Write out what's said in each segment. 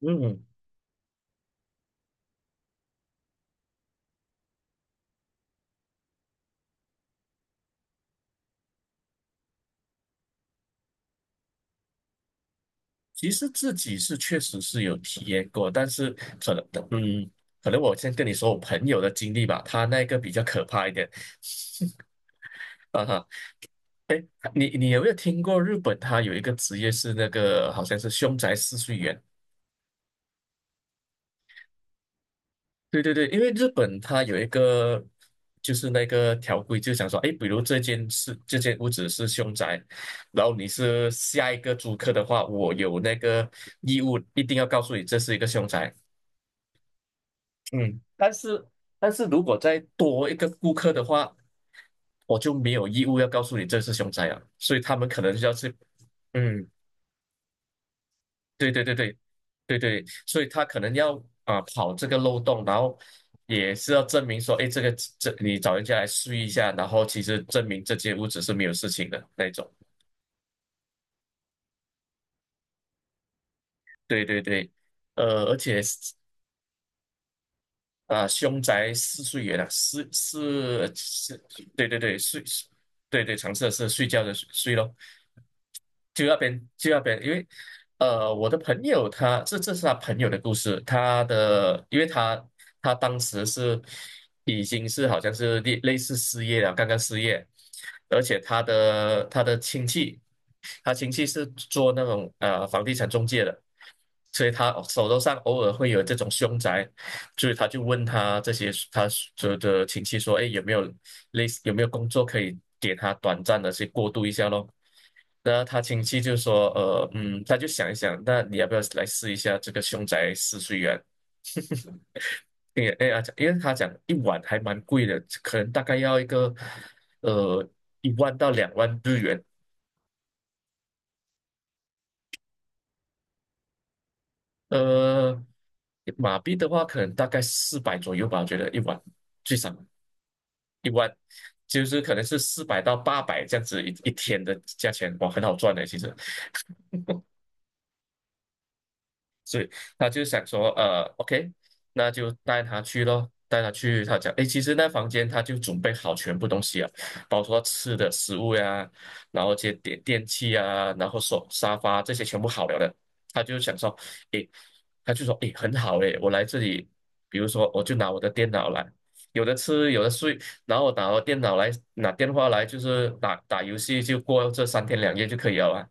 嗯，其实自己是确实是有体验过，但是可能，嗯，可能我先跟你说我朋友的经历吧，他那个比较可怕一点。啊哈，你有没有听过日本？它有一个职业是那个好像是凶宅试睡员。对对对，因为日本它有一个就是那个条规，就想说，哎，比如这间屋子是凶宅，然后你是下一个租客的话，我有那个义务一定要告诉你这是一个凶宅。嗯，但是如果再多一个顾客的话，我就没有义务要告诉你这是凶宅了，所以他们可能就要去，嗯，对对对对对对，所以他可能要啊、跑这个漏洞，然后也是要证明说，哎，这你找人家来试一下，然后其实证明这间屋子是没有事情的那种，对对对，而且啊，凶宅四睡元啊，是是是，对对对，睡，对对，常设是睡觉的睡睡咯。就那边就那边，因为我的朋友他这是他朋友的故事，因为他当时是已经是好像是类似失业了，刚刚失业，而且他的亲戚，他亲戚是做那种房地产中介的，所以他手头上偶尔会有这种凶宅，所以他就问他这些他所有的亲戚说，哎，有没有类似工作可以给他短暂的去过渡一下咯？那他亲戚就说，他就想一想，那你要不要来试一下这个凶宅试睡员？因为哎呀，因为他讲一晚还蛮贵的，可能大概要一个呃1万到2万日元，呃，马币的话可能大概四百左右吧，我觉得一晚最少。就是可能是400到800这样子一天的价钱，哇，很好赚的，其实。所以他就想说，OK，那就带他去咯，带他去。他讲，诶，其实那房间他就准备好全部东西啊，包括吃的食物呀、然后这些电器啊，然后手沙发这些全部好了的。他就想说，诶，他就说，诶，很好诶，我来这里，比如说我就拿我的电脑来，有的吃，有的睡，然后拿我电脑来，拿电话来，就是打打游戏，就过这3天2夜就可以了啊。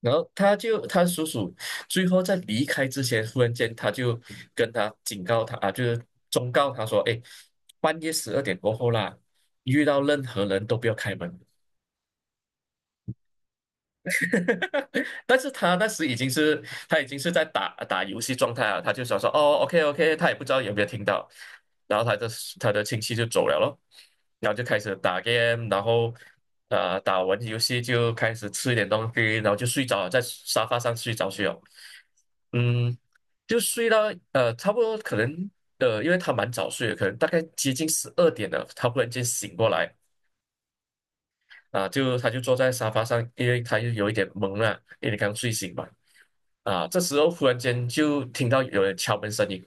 然后他叔叔最后在离开之前，忽然间他就跟他警告他啊，就是忠告他说：“哎，半夜十二点过后啦，遇到任何人都不要开门。” 但是他那时已经是他已经是在打打游戏状态了，他就想说哦，OK OK，他也不知道有没有听到，然后他的亲戚就走了咯，然后就开始打 game，然后打完游戏就开始吃一点东西，然后就睡着了，在沙发上睡着去了，嗯，就睡到差不多可能因为他蛮早睡的，可能大概接近十二点了，他忽然间醒过来，啊，就他就坐在沙发上，因为他又有一点懵了，因为刚睡醒嘛。啊，这时候忽然间就听到有人敲门声音，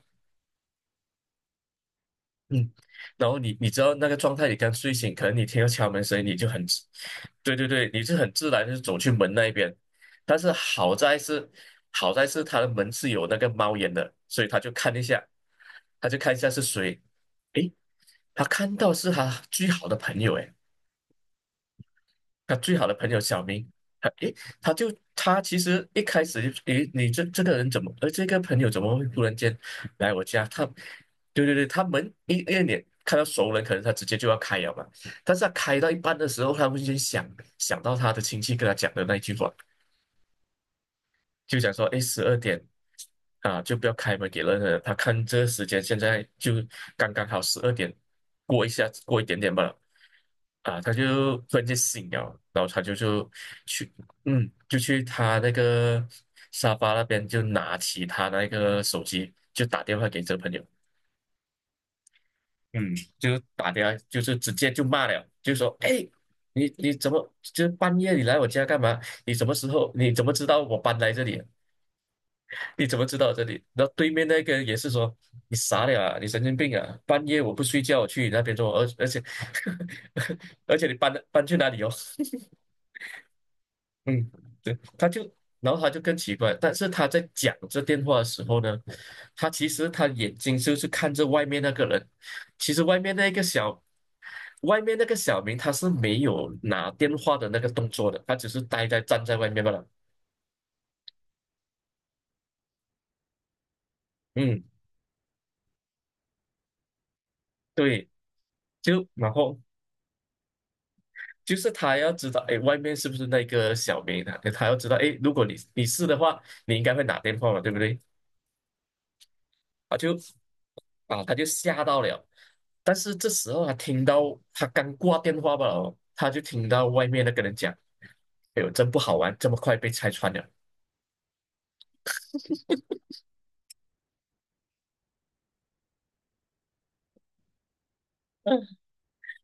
嗯，然后你知道那个状态，你刚睡醒，可能你听到敲门声音，你就很自对对对，你是很自然就走去门那一边，但是好在是他的门是有那个猫眼的，所以他就看一下，他就看一下是谁，诶，他看到是他最好的朋友，诶。他最好的朋友小明，他诶，他其实一开始就诶，你这个人怎么，这个朋友怎么会突然间来我家？他，对对对，他们一脸看到熟人，可能他直接就要开了嘛。但是他开到一半的时候，他会先想想到他的亲戚跟他讲的那一句话，就想说，哎，十二点啊，就不要开门给任何人。他看这个时间，现在就刚刚好十二点过一下，过一点点吧。啊，他就突然间醒了，然后他就去，嗯，就去他那个沙发那边，就拿起他那个手机，就打电话给这个朋友。嗯，就打电话，就是直接就骂了，就说：“哎，你怎么就是半夜你来我家干嘛？你什么时候？你怎么知道我搬来这里啊？”你怎么知道这里？然后对面那个人也是说你傻了啊，你神经病啊！半夜我不睡觉我去你那边做，而且 而且你搬去哪里哦？嗯，对，然后他就更奇怪，但是他在讲这电话的时候呢，他其实他眼睛就是看着外面那个人，其实外面那个小明他是没有拿电话的那个动作的，他只是呆在站在外面罢了。嗯，对，就然后。就是他要知道，哎，外面是不是那个小明啊？他要知道，哎，如果你是的话，你应该会打电话嘛，对不对？啊，就啊，他就吓到了。但是这时候他听到他刚挂电话吧，哦他就听到外面那个人讲：“哎呦，真不好玩，这么快被拆穿了。”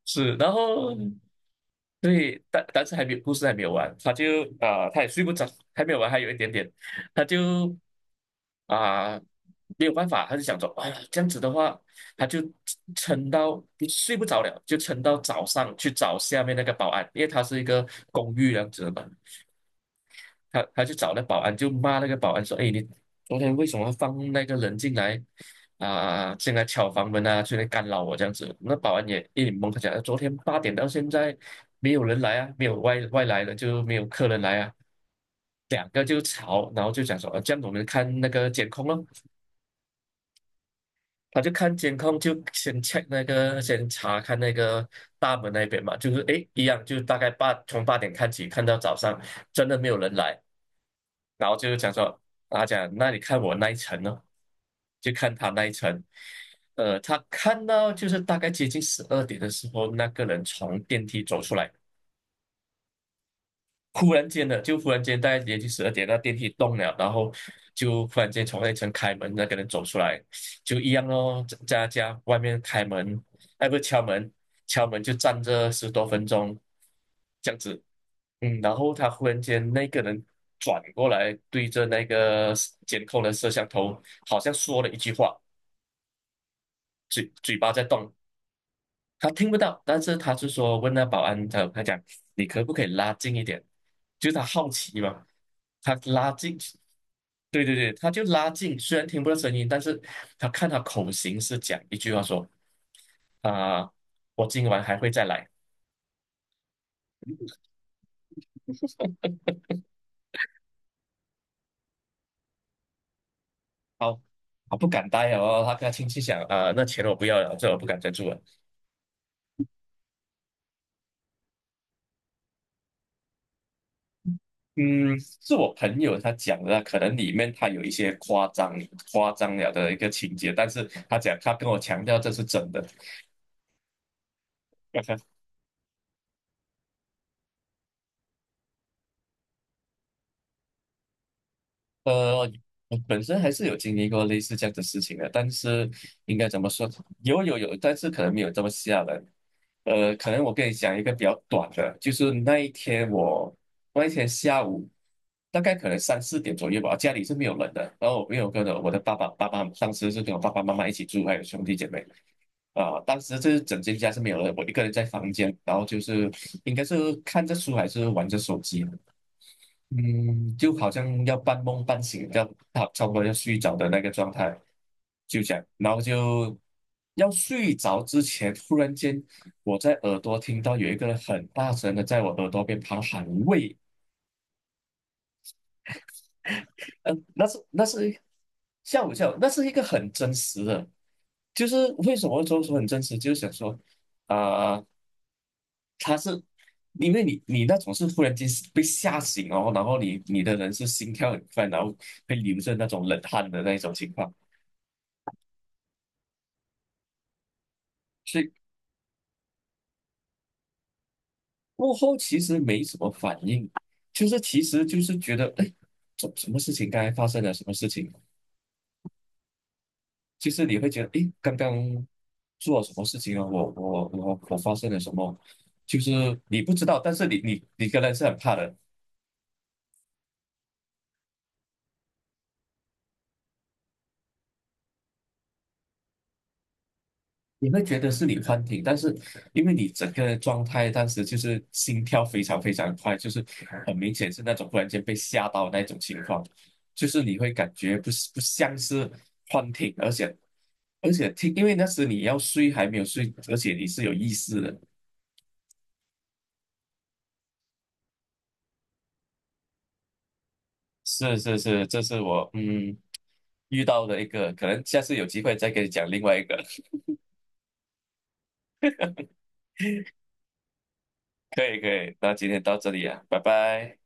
是，然后对，但是还没有故事还没有完，他就啊、他也睡不着，还没有完，还有一点点，他就啊、没有办法，他就想说，哎呀，这样子的话，他就撑到睡不着了，就撑到早上去找下面那个保安，因为他是一个公寓这样子的嘛，他就找那保安，就骂那个保安说：“哎，你昨天为什么放那个人进来敲房门啊，进来干扰我这样子。”那保安也一脸懵，他讲：“昨天八点到现在没有人来啊，没有外来的就没有客人来啊。”两个就吵，然后就讲说：“啊，这样我们看那个监控咯。”他就看监控，就先 check 那个，先查看那个大门那边嘛，就是诶，一样，就大概从八点看起，看到早上，真的没有人来。然后就是讲说，他讲那你看我那一层呢，就看他那一层，他看到就是大概接近十二点的时候，那个人从电梯走出来，忽然间的，就忽然间大概连续十二点，那电梯动了，然后就忽然间从那层开门，那个人走出来，就一样哦，在他家外面开门，哎，不是敲门，敲门就站着10多分钟，这样子，嗯，然后他忽然间那个人转过来，对着那个监控的摄像头，好像说了一句话，嘴巴在动，他听不到，但是他就说问那保安，他他讲你可不可以拉近一点？就是他好奇嘛，他拉近，对对对，他就拉近，虽然听不到声音，但是他看他口型是讲一句话说啊、我今晚还会再来。好，他不敢待哦，他跟他亲戚讲啊、那钱我不要了，这我不敢再住了。嗯，是我朋友他讲的，可能里面他有一些夸张夸张了的一个情节，但是他讲他跟我强调这是真的。呃，我本身还是有经历过类似这样的事情的，但是应该怎么说？有有有，但是可能没有这么吓人。可能我跟你讲一个比较短的，就是那一天我那一天下午大概可能3、4点左右吧，家里是没有人的，然后我没有跟着我的爸爸，当时是跟我爸爸妈妈一起住，还有兄弟姐妹。啊、当时这整间家是没有人，我一个人在房间，然后就是应该是看着书还是玩着手机，嗯，就好像要半梦半醒，要差不多要睡着的那个状态，就这样，然后就要睡着之前，突然间我在耳朵听到有一个人很大声的在我耳朵边旁喊喂，嗯、那是吓我一跳，那是一个很真实的，就是为什么说很真实，就是想说啊。他是因为你那种是忽然间被吓醒哦，然后你的人是心跳很快，然后会流着那种冷汗的那种情况，所以过后其实没什么反应，就是其实就是觉得哎，什么事情刚才发生了什么事情，就是你会觉得哎，刚刚做了什么事情啊，我发生了什么，就是你不知道，但是你跟人是很怕的，你会觉得是你幻听，但是因为你整个状态当时就是心跳非常非常快，就是很明显是那种突然间被吓到的那种情况，就是你会感觉不像是幻听，而且，因为那时你要睡还没有睡，而且你是有意识的。是是是，这是我遇到的一个，可能下次有机会再给你讲另外一个。可以可以，那今天到这里啊，拜拜。